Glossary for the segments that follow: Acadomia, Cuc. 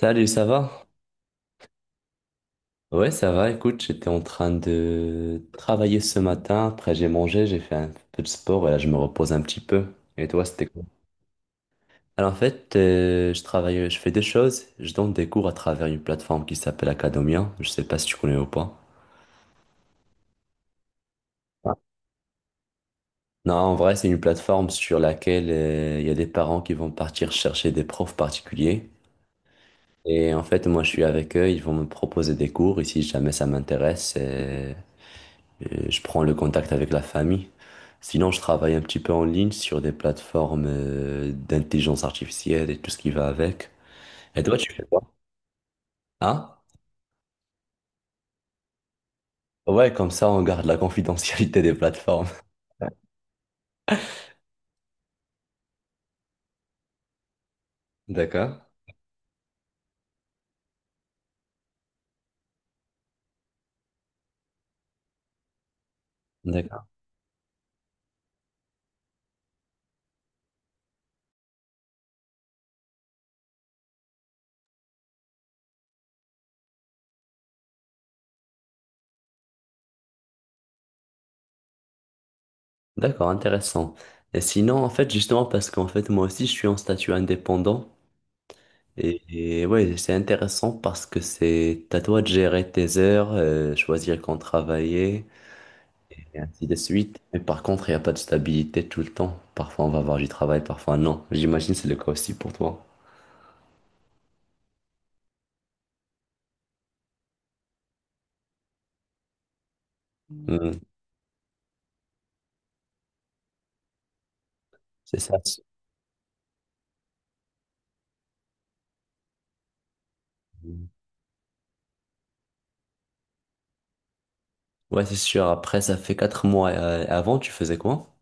Salut, ça va? Ouais, ça va. Écoute, j'étais en train de travailler ce matin. Après, j'ai mangé, j'ai fait un peu de sport et là, je me repose un petit peu. Et toi, c'était quoi? Alors, en fait, je travaille, je fais deux choses. Je donne des cours à travers une plateforme qui s'appelle Acadomia. Je sais pas si tu connais ou pas. Ah. Non, en vrai, c'est une plateforme sur laquelle il y a des parents qui vont partir chercher des profs particuliers. Et en fait, moi, je suis avec eux. Ils vont me proposer des cours. Et si jamais ça m'intéresse, et je prends le contact avec la famille. Sinon, je travaille un petit peu en ligne sur des plateformes d'intelligence artificielle et tout ce qui va avec. Et toi, tu fais quoi? Hein? Ouais, comme ça, on garde la confidentialité des plateformes. D'accord. D'accord. D'accord, intéressant. Et sinon, en fait, justement, parce qu'en fait, moi aussi, je suis en statut indépendant. Et ouais, c'est intéressant parce que c'est à toi de gérer tes heures, choisir quand travailler. Et ainsi de suite. Mais par contre, il n'y a pas de stabilité tout le temps. Parfois, on va avoir du travail, parfois non. J'imagine que c'est le cas aussi pour toi. Hmm, c'est ça. Ouais, c'est sûr. Après, ça fait 4 mois. Avant, tu faisais quoi?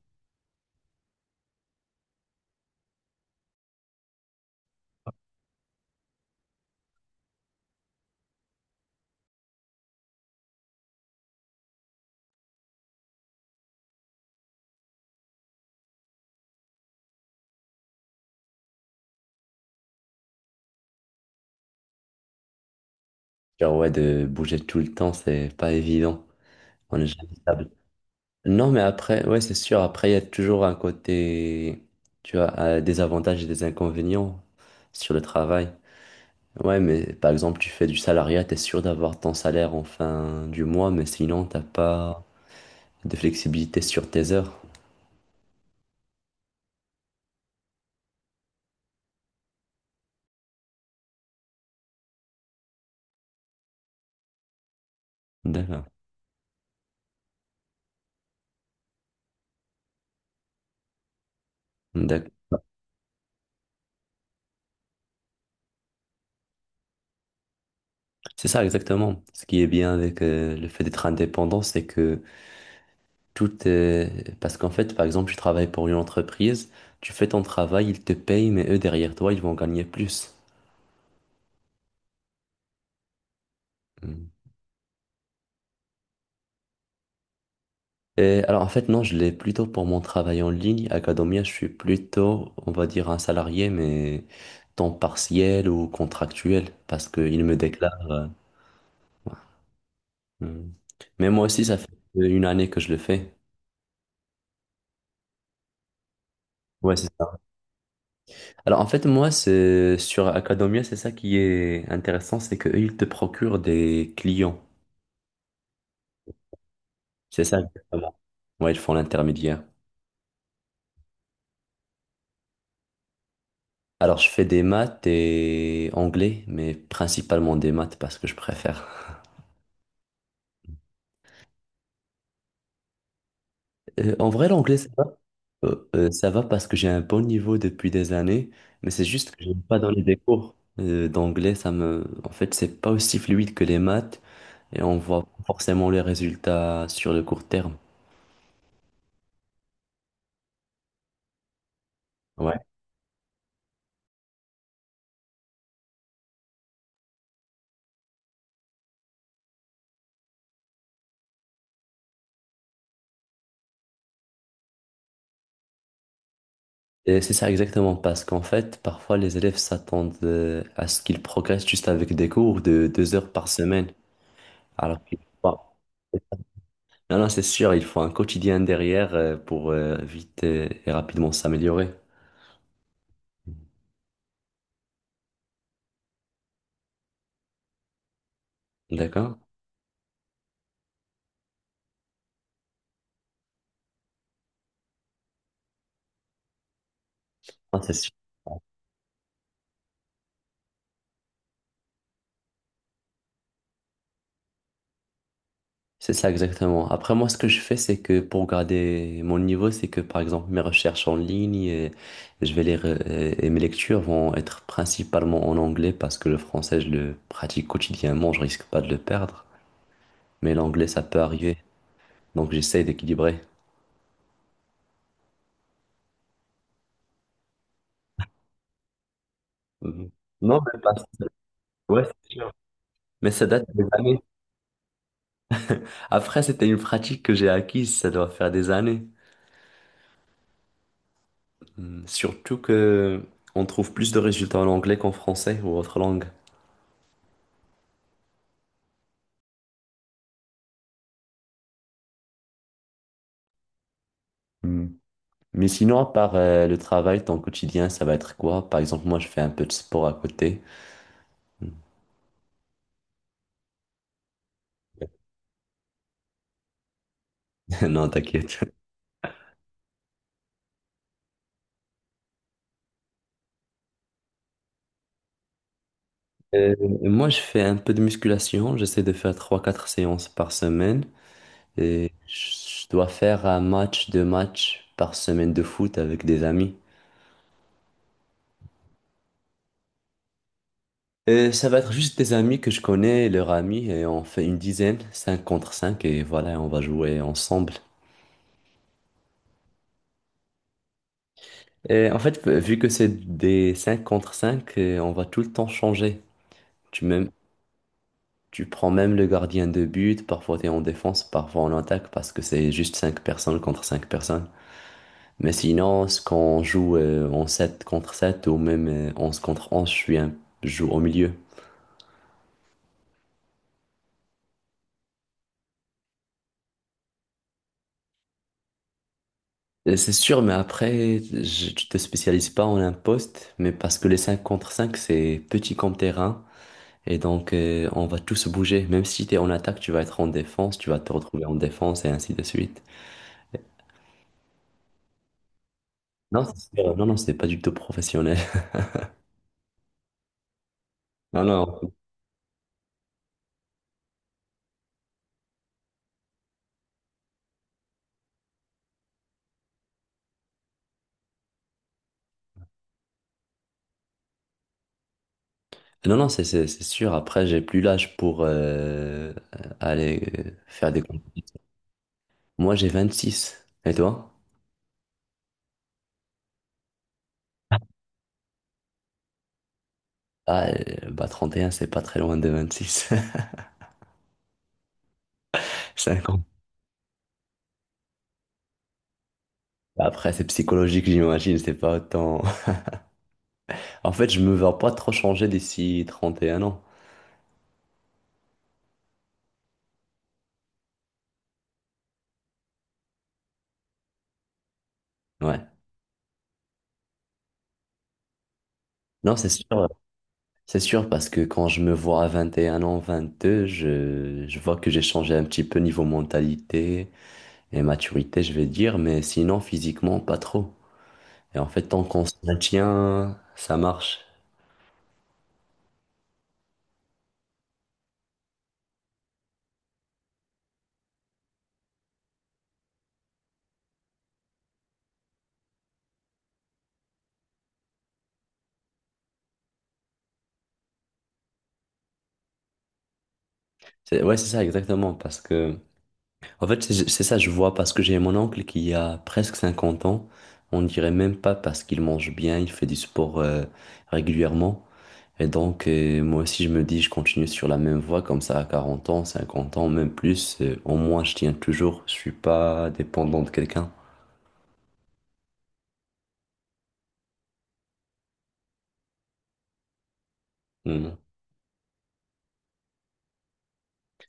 Genre, ouais, de bouger tout le temps, c'est pas évident. On est jamais stable. Non, mais après, ouais, c'est sûr. Après, il y a toujours un côté, tu vois, des avantages et des inconvénients sur le travail. Ouais, mais par exemple, tu fais du salariat, t'es sûr d'avoir ton salaire en fin du mois, mais sinon, t'as pas de flexibilité sur tes heures. D'accord. D'accord. C'est ça exactement. Ce qui est bien avec le fait d'être indépendant, c'est que tout est. Parce qu'en fait, par exemple, tu travailles pour une entreprise, tu fais ton travail, ils te payent, mais eux, derrière toi, ils vont gagner plus. Mm. Et alors, en fait, non, je l'ai plutôt pour mon travail en ligne. À Academia, je suis plutôt, on va dire, un salarié, mais temps partiel ou contractuel, parce qu'ils me déclarent. Ouais. Mm. Mais moi aussi, ça fait une année que je le fais. Ouais, c'est ça. Alors, en fait, moi, c'est sur Academia. C'est ça qui est intéressant, c'est qu'eux, ils te procurent des clients. C'est ça exactement. Ouais, ils font l'intermédiaire. Alors, je fais des maths et anglais, mais principalement des maths parce que je préfère. En vrai, l'anglais ça va. Ça va parce que j'ai un bon niveau depuis des années, mais c'est juste que j'aime pas donner des cours d'anglais. Ça me en fait, c'est pas aussi fluide que les maths. Et on voit pas forcément les résultats sur le court terme. Ouais. Et c'est ça exactement, parce qu'en fait, parfois les élèves s'attendent à ce qu'ils progressent juste avec des cours de 2 heures par semaine. Alors qu'il faut pas. Non, non, c'est sûr, il faut un quotidien derrière pour vite et rapidement s'améliorer. D'accord? Ah, c'est sûr. C'est ça exactement. Après, moi, ce que je fais, c'est que pour garder mon niveau, c'est que par exemple, mes recherches en ligne, je vais les re- et mes lectures vont être principalement en anglais parce que le français, je le pratique quotidiennement, je risque pas de le perdre. Mais l'anglais, ça peut arriver. Donc j'essaie d'équilibrer. Mhm. Non, mais ouais, c'est sûr. Mais ça date des années. Après, c'était une pratique que j'ai acquise, ça doit faire des années. Mhm. Surtout que on trouve plus de résultats en anglais qu'en français ou autre langue. Mhm. Mais sinon, à part le travail, ton quotidien, ça va être quoi? Par exemple, moi, je fais un peu de sport à côté. Non, t'inquiète. Euh, moi, je fais un peu de musculation. J'essaie de faire trois, quatre séances par semaine. Et je dois faire un match, deux matchs par semaine de foot avec des amis. Et ça va être juste des amis que je connais, leurs amis, et on fait une dizaine, 5 contre 5 et voilà, on va jouer ensemble. Et en fait, vu que c'est des 5 contre 5, on va tout le temps changer. Tu, même, tu prends même le gardien de but, parfois tu es en défense, parfois en attaque, parce que c'est juste 5 personnes contre 5 personnes. Mais sinon, ce qu'on joue en 7 contre 7 ou même 11 contre 11, je joue au milieu. C'est sûr, mais après, tu te spécialises pas en un poste, mais parce que les 5 contre 5, c'est petit comme terrain, et donc on va tous bouger. Même si tu es en attaque, tu vas être en défense, tu vas te retrouver en défense, et ainsi de suite. Non, c'est sûr. Non, non, c'est pas du tout professionnel. Non, non, non, non, c'est sûr. Après, j'ai plus l'âge pour aller faire des compétitions. Moi, j'ai 26. Et toi? Ah, bah 31, c'est pas très loin de 26. 5 Après, c'est psychologique, j'imagine, c'est pas autant. En fait, je me vois pas trop changer d'ici 31 ans. Ouais. Non, c'est sûr. C'est sûr parce que quand je me vois à 21 ans, 22, je vois que j'ai changé un petit peu niveau mentalité et maturité, je vais dire, mais sinon, physiquement, pas trop. Et en fait, tant qu'on se maintient, ça marche. Ouais, c'est ça, exactement, parce que en fait, c'est ça, je vois parce que j'ai mon oncle qui a presque 50 ans. On dirait même pas parce qu'il mange bien, il fait du sport régulièrement. Et donc, moi aussi, je me dis, je continue sur la même voie comme ça à 40 ans, 50 ans, même plus. Au moins, je tiens toujours, je suis pas dépendant de quelqu'un. Mm.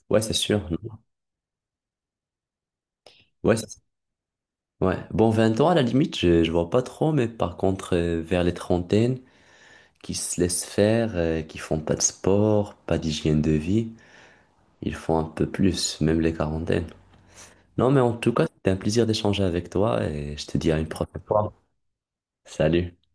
Ouais, c'est sûr. Ouais, ouais. Bon, 20 ans à la limite, je vois pas trop, mais par contre, vers les trentaines, qui se laissent faire, qui font pas de sport, pas d'hygiène de vie. Ils font un peu plus, même les quarantaines. Non, mais en tout cas, c'était un plaisir d'échanger avec toi et je te dis à une prochaine fois. Salut.